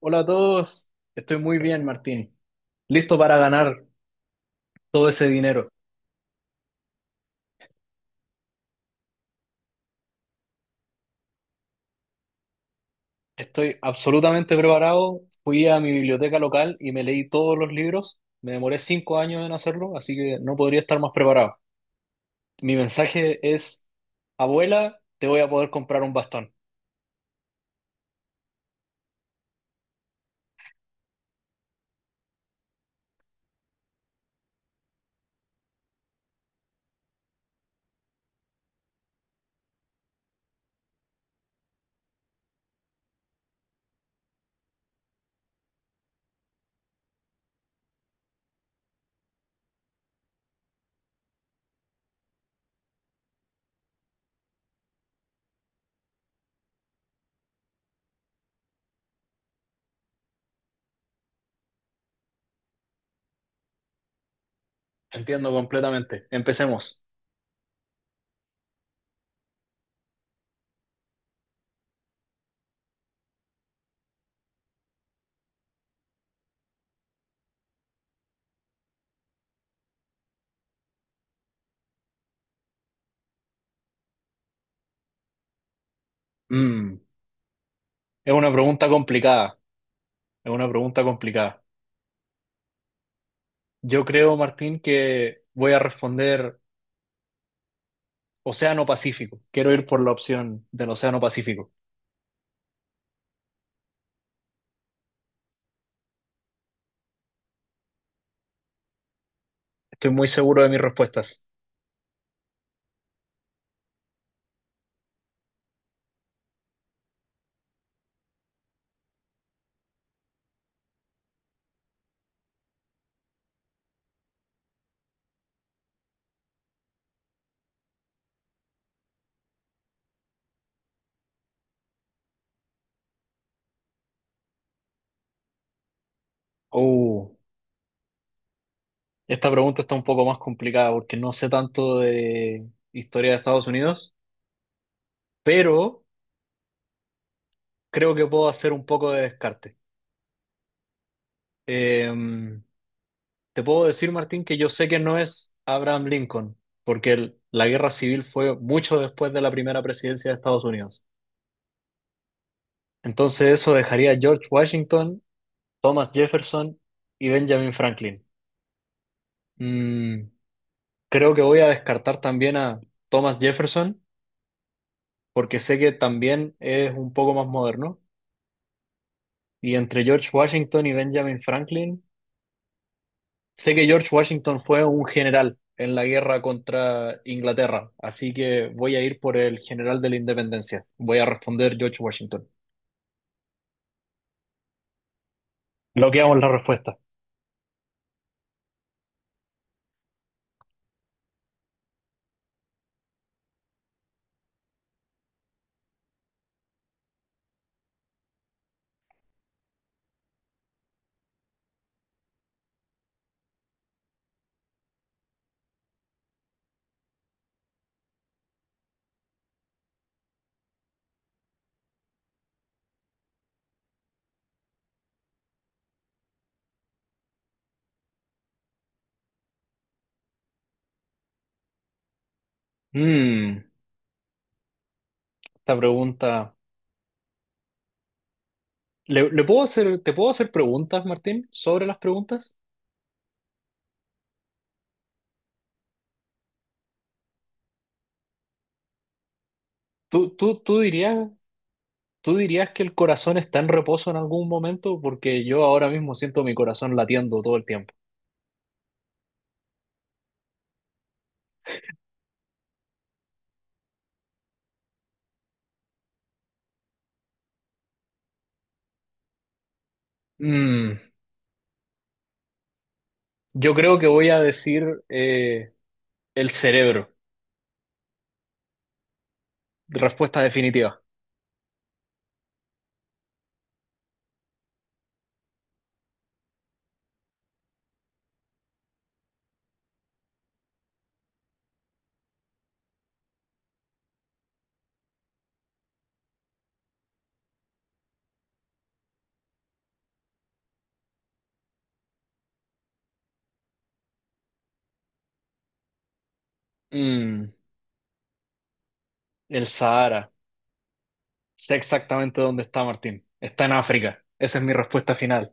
Hola a todos, estoy muy bien, Martín. Listo para ganar todo ese dinero. Estoy absolutamente preparado. Fui a mi biblioteca local y me leí todos los libros. Me demoré 5 años en hacerlo, así que no podría estar más preparado. Mi mensaje es, abuela, te voy a poder comprar un bastón. Entiendo completamente. Empecemos. Mm, es una pregunta complicada. Es una pregunta complicada. Yo creo, Martín, que voy a responder Océano Pacífico. Quiero ir por la opción del Océano Pacífico. Estoy muy seguro de mis respuestas. Uh, Esta pregunta está un poco más complicada porque no sé tanto de historia de Estados Unidos, pero creo que puedo hacer un poco de descarte. Em, Te puedo decir, Martín, que yo sé que no es Abraham Lincoln, porque la guerra civil fue mucho después de la primera presidencia de Estados Unidos. Entonces eso dejaría a George Washington, Thomas Jefferson y Benjamin Franklin. Mm, Creo que voy a descartar también a Thomas Jefferson porque sé que también es un poco más moderno. Y entre George Washington y Benjamin Franklin, sé que George Washington fue un general en la guerra contra Inglaterra, así que voy a ir por el general de la independencia. Voy a responder George Washington. Bloqueamos la respuesta. Mm, Esta pregunta. ¿ Te puedo hacer preguntas, Martín, sobre las preguntas? ¿Tú, tú, tú dirías, Tú dirías que el corazón está en reposo en algún momento? Porque yo ahora mismo siento mi corazón latiendo todo el tiempo. Mm, yo creo que voy a decir el cerebro. Respuesta definitiva. Mm, el Sahara. Sé exactamente dónde está Martín. Está en África. Esa es mi respuesta final.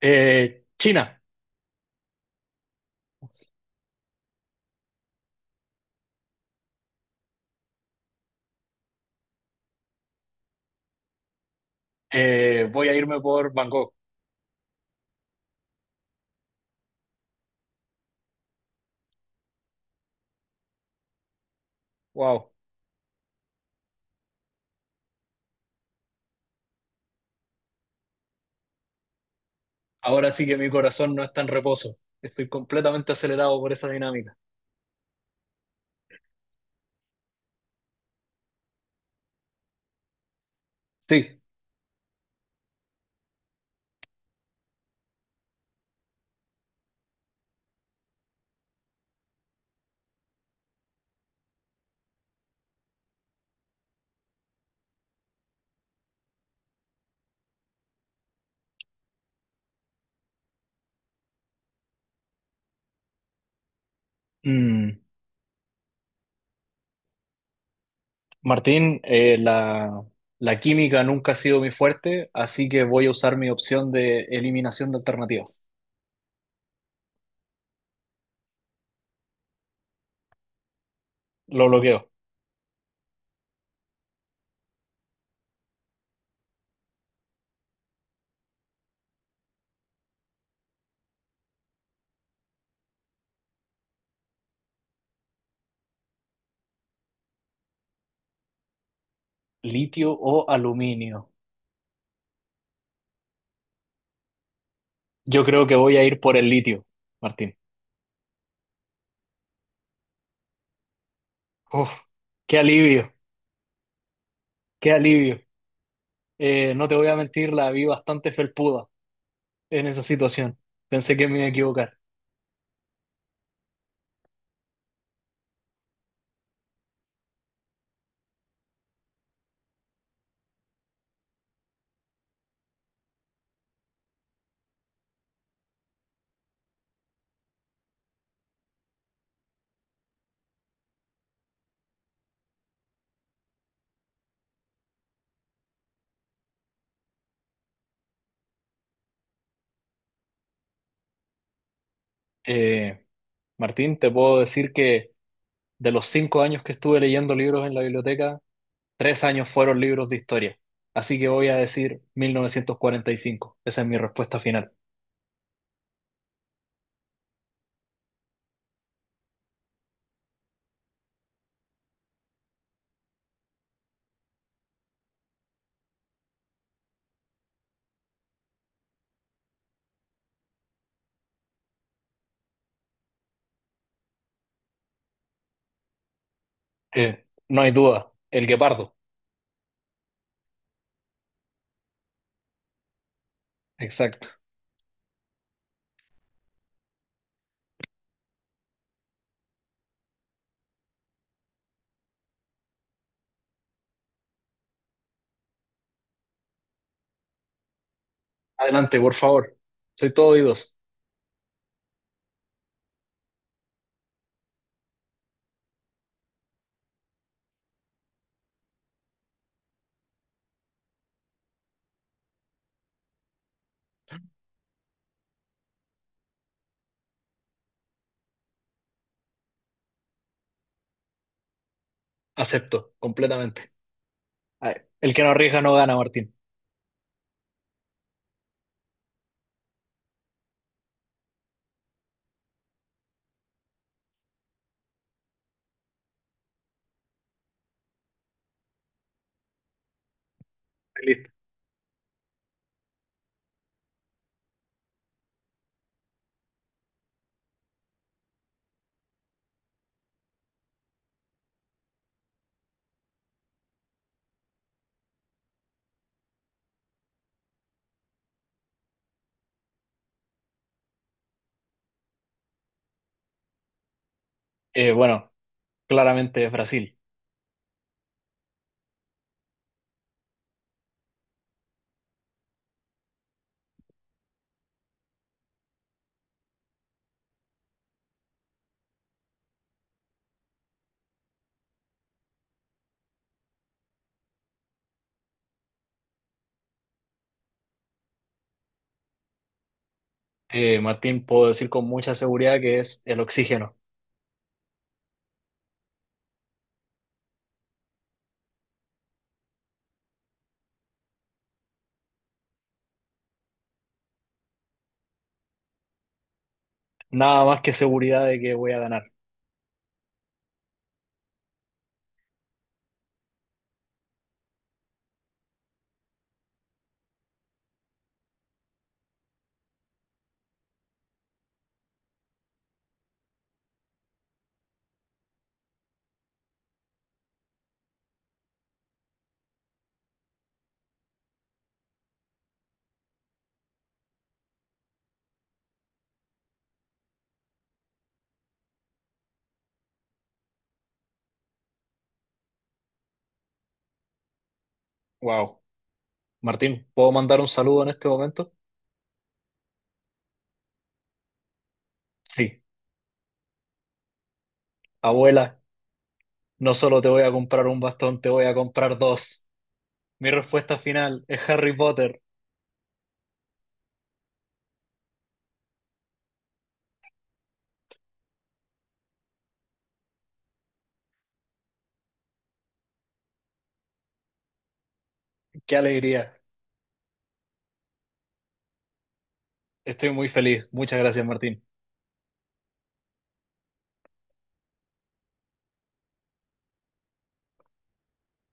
China. Voy a irme por Bangkok. Wow. Ahora sí que mi corazón no está en reposo. Estoy completamente acelerado por esa dinámica. Sí. Mm, Martín, la química nunca ha sido mi fuerte, así que voy a usar mi opción de eliminación de alternativas. Lo bloqueo. ¿Litio o aluminio? Yo creo que voy a ir por el litio, Martín. Uf, qué alivio, qué alivio. No te voy a mentir, la vi bastante felpuda en esa situación. Pensé que me iba a equivocar. Eh, Martín, te puedo decir que de los 5 años que estuve leyendo libros en la biblioteca, 3 años fueron libros de historia. Así que voy a decir 1945. Esa es mi respuesta final. No hay duda, el guepardo. Exacto. Adelante, por favor. Soy todo oídos. Acepto, completamente. Ay, el que no arriesga no gana, Martín. Listo. Bueno, claramente es Brasil. Martín, puedo decir con mucha seguridad que es el oxígeno. Nada más que seguridad de que voy a ganar. Wow. Martín, ¿puedo mandar un saludo en este momento? Sí. Abuela, no solo te voy a comprar un bastón, te voy a comprar dos. Mi respuesta final es Harry Potter. ¡Qué alegría! Estoy muy feliz. Muchas gracias, Martín.